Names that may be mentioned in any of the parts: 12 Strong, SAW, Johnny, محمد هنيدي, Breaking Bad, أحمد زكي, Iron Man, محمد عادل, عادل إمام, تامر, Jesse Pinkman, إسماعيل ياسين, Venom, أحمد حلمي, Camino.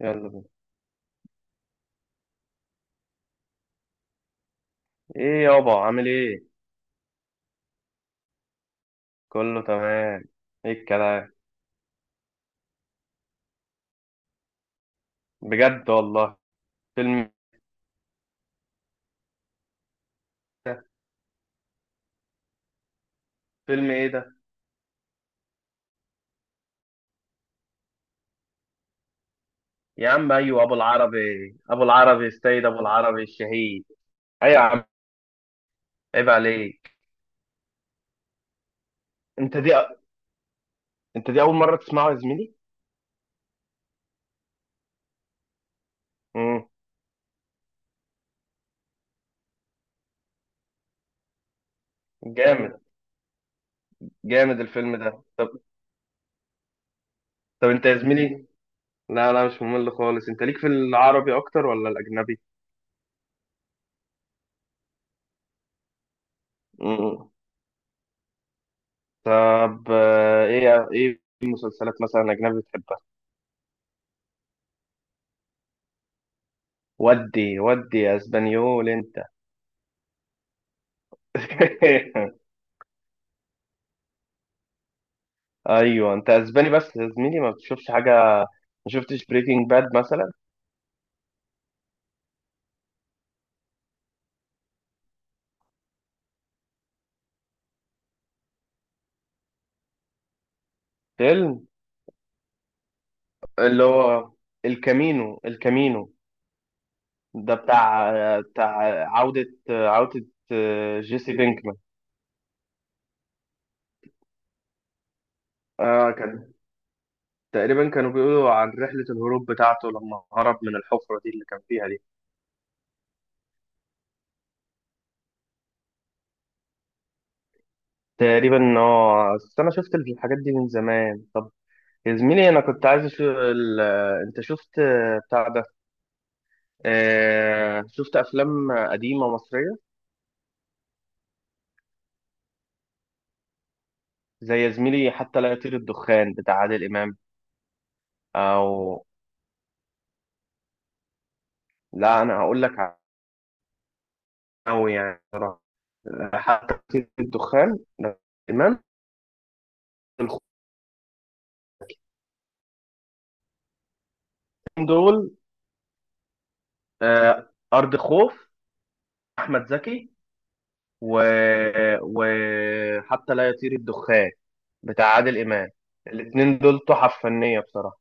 يلا بينا. ايه يابا، عامل ايه؟ كله تمام. ايه الكلام؟ بجد والله. فيلم ده. فيلم ايه ده؟ يا عم، ايوه ابو العربي. ابو العربي، السيد ابو العربي الشهيد. ايوه يا عم. عيب عليك. انت دي انت دي اول مره تسمعه يا زميلي؟ امم جامد، جامد الفيلم ده. طب انت يا زميلي. لا لا مش ممل خالص. انت ليك في العربي اكتر ولا الاجنبي؟ امم طب ايه ايه المسلسلات مثلا اجنبي بتحبها؟ ودي يا اسبانيول انت. ايوه انت اسباني، بس يا زميلي ما بتشوفش حاجه؟ ما شفتش بريكنج باد مثلا؟ فيلم، اللي هو الكامينو. ده بتاع عودة جيسي بينكمان. اه، كان تقريبا كانوا بيقولوا عن رحلة الهروب بتاعته لما هرب من الحفرة دي اللي كان فيها دي. تقريبا اه بس انا شفت الحاجات دي من زمان يا زميلي. انا كنت عايز اشوف. انت شفت بتاع ده؟ شفت أفلام قديمة مصرية. زي يا زميلي حتى لا يطير الدخان، بتاع عادل إمام. أو. لا أنا هقول لك أوي يعني صراحة. حتى لا يطير الدخان، عادل إمام، الخوفين دول. أرض خوف، أحمد زكي و... وحتى لا يطير الدخان بتاع عادل إمام. الاتنين دول تحف فنية بصراحة.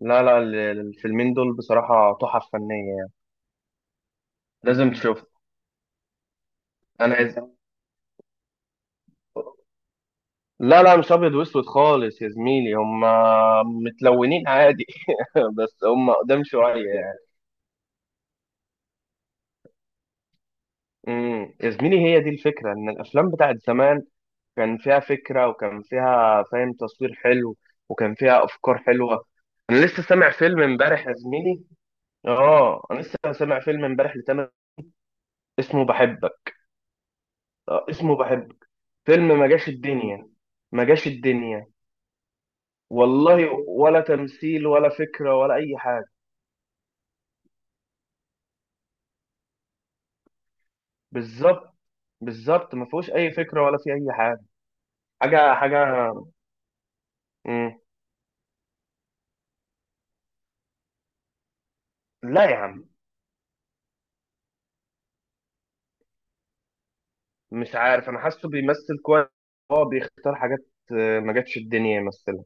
لا لا الفيلمين دول بصراحة تحف فنية يعني. لازم تشوف. أنا عايز. لا لا، مش ابيض واسود خالص يا زميلي، هم متلونين عادي. بس هم قدام شويه يعني. يا زميلي، هي دي الفكره ان الافلام بتاعت زمان كان فيها فكره، وكان فيها فاهم، تصوير حلو، وكان فيها افكار حلوه. انا لسه سامع فيلم امبارح يا زميلي. اه، انا لسه سامع فيلم امبارح لتامر، اسمه بحبك. آه، اسمه بحبك. فيلم ما جاش الدنيا، ما جاش الدنيا. والله، ولا تمثيل ولا فكره ولا اي حاجه. بالظبط. بالظبط، ما فيهوش اي فكره، ولا في اي حاجه. حاجه. مم. لا يا عم، مش عارف، انا حاسه بيمثل كويس. هو بيختار حاجات. ما جاتش الدنيا يمثلها.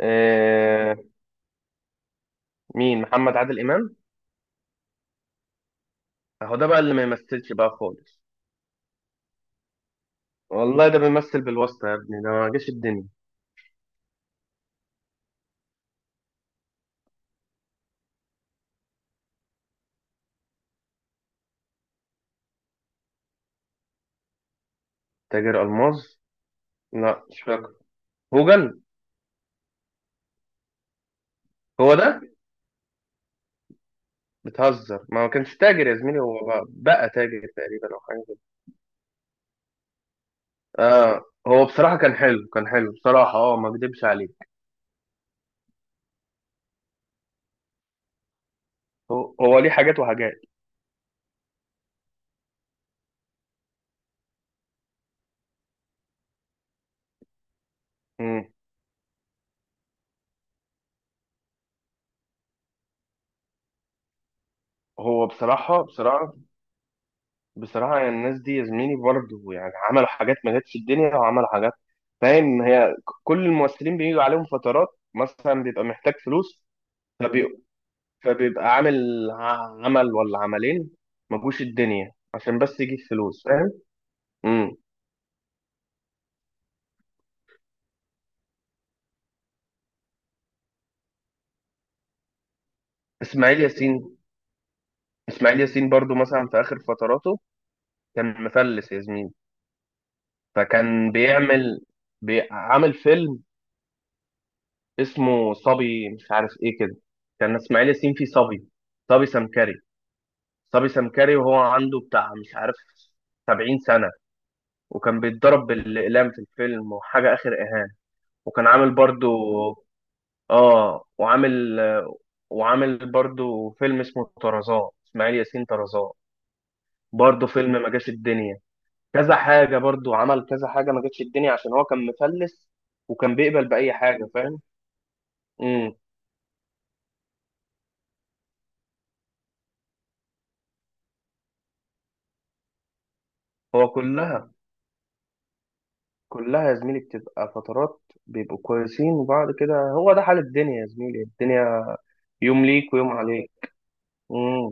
آه، مين محمد عادل امام؟ اهو ده بقى اللي ما يمثلش بقى خالص. والله، ده بيمثل بالواسطه يا ابني، ده ما جاش الدنيا. تاجر الماظ. لا، مش فاكر. هوجل. هو ده. بتهزر، ما هو كانش تاجر يا زميلي، هو بقى تاجر تقريبا، او حاجه كده. اه هو بصراحه كان حلو، كان حلو بصراحه، اه ما اكدبش عليه. هو ليه حاجات وحاجات. مم. هو بصراحة بصراحة بصراحة، يعني الناس دي يا زميلي برضه، يعني عملوا حاجات ما جاتش في الدنيا، وعملوا حاجات. فاهم، هي كل الممثلين بيجوا عليهم فترات. مثلا بيبقى محتاج فلوس، فبي... فبيبقى عامل عمل ولا عملين ما جوش الدنيا عشان بس يجيب فلوس، فاهم؟ مم. اسماعيل ياسين. اسماعيل ياسين برضه مثلا في آخر فتراته كان مفلس يا زميلي. فكان بيعمل، عامل فيلم اسمه صبي، مش عارف ايه كده. كان اسماعيل ياسين فيه صبي. صبي سمكري. صبي سمكري، وهو عنده بتاع مش عارف 70 سنة. وكان بيتضرب بالإقلام في الفيلم، وحاجة آخر إهانة. وكان عامل برضو آه وعامل وعامل برضو فيلم اسمه طرزان، إسماعيل ياسين طرزان. برضو فيلم ما جاش الدنيا. كذا حاجة برضو، عمل كذا حاجة ما جاتش الدنيا عشان هو كان مفلس. وكان بيقبل بأي حاجة، فاهم؟ امم هو كلها، كلها يا زميلي بتبقى فترات. بيبقوا كويسين، وبعد كده هو ده حال الدنيا يا زميلي، الدنيا يوم ليك ويوم عليك. امم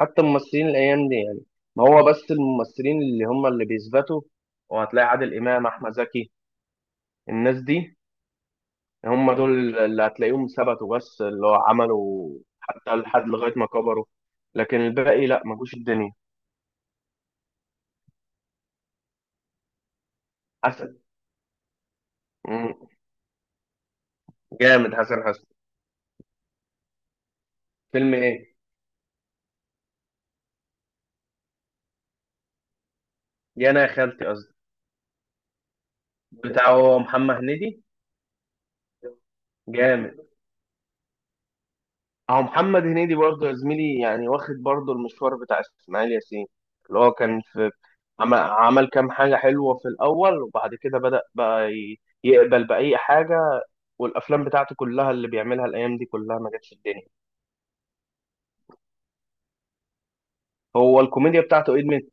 حتى الممثلين الايام دي يعني. ما هو بس الممثلين اللي هم اللي بيثبتوا. وهتلاقي عادل امام، احمد زكي، الناس دي هم دول اللي هتلاقيهم ثبتوا، بس اللي هو عملوا حتى لحد لغايه ما كبروا. لكن الباقي، لا، ما جوش الدنيا. حسن. امم جامد حسن. فيلم ايه؟ يا انا يا خالتي، قصدي بتاع، هو محمد هنيدي. جامد. اهو محمد هنيدي برضه يا زميلي، يعني واخد برضه المشوار بتاع اسماعيل ياسين، اللي هو كان في. عمل كام حاجة حلوة في الأول، وبعد كده بدأ بقى يقبل بأي حاجة. والأفلام بتاعته كلها اللي بيعملها الأيام دي كلها ما جاتش الدنيا. هو الكوميديا بتاعته قدمت.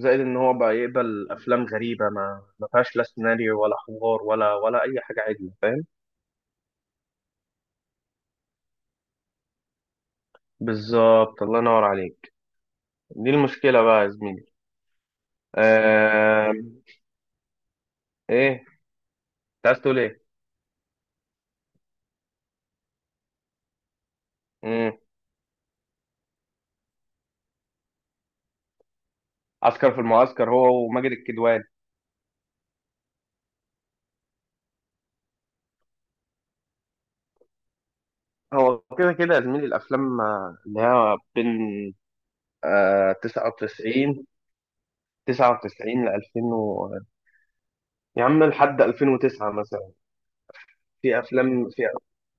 زائد إن هو بقى يقبل أفلام غريبة، ما فيهاش لا سيناريو ولا حوار ولا أي حاجة عدلة، فاهم؟ بالظبط، الله ينور عليك. دي المشكلة بقى يا زميلي. آه... إيه أنت عايز تقول إيه؟ عسكر في المعسكر، هو وماجد الكدواني. هو كده كده يا زميلي، الافلام اللي هي بين آه 99 99 ل 2000. يا عم لحد 2009 مثلا. في افلام، في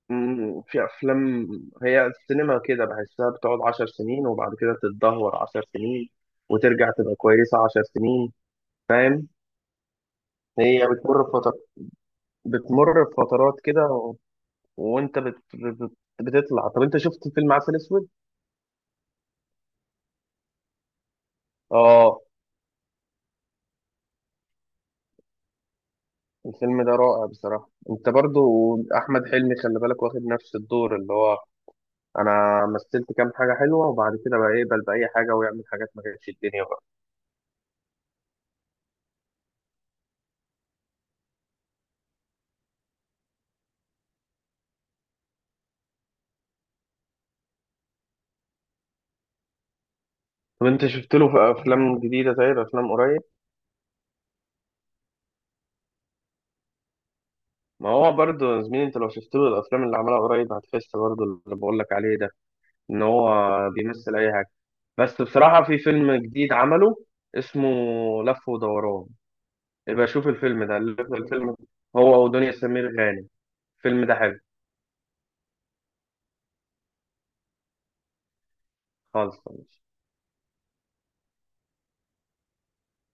في افلام، هي السينما كده، بحسها بتقعد 10 سنين، وبعد كده تتدهور 10 سنين، وترجع تبقى كويسة 10 سنين، فاهم؟ هي بتمر بفترات، بتمر بفترات كده وانت بتطلع. طب انت شفت فيلم عسل اسود؟ اه، الفيلم ده رائع بصراحة، انت برضو. احمد حلمي، خلي بالك واخد نفس الدور اللي هو انا مثلت كام حاجة حلوة، وبعد كده بقى يقبل بأي حاجة، ويعمل حاجات ما كانتش الدنيا بقى. طب انت شفت له في افلام جديدة، طيب افلام قريب؟ ما هو برضو يا زميلي، انت لو شفت له الافلام اللي عملها قريب هتحس برضو اللي بقول لك عليه ده، ان هو بيمثل اي حاجة. بس بصراحة في فيلم جديد عمله، اسمه لف ودوران، يبقى شوف الفيلم ده. الفيلم هو ودنيا سمير غانم. الفيلم ده حلو. خالص.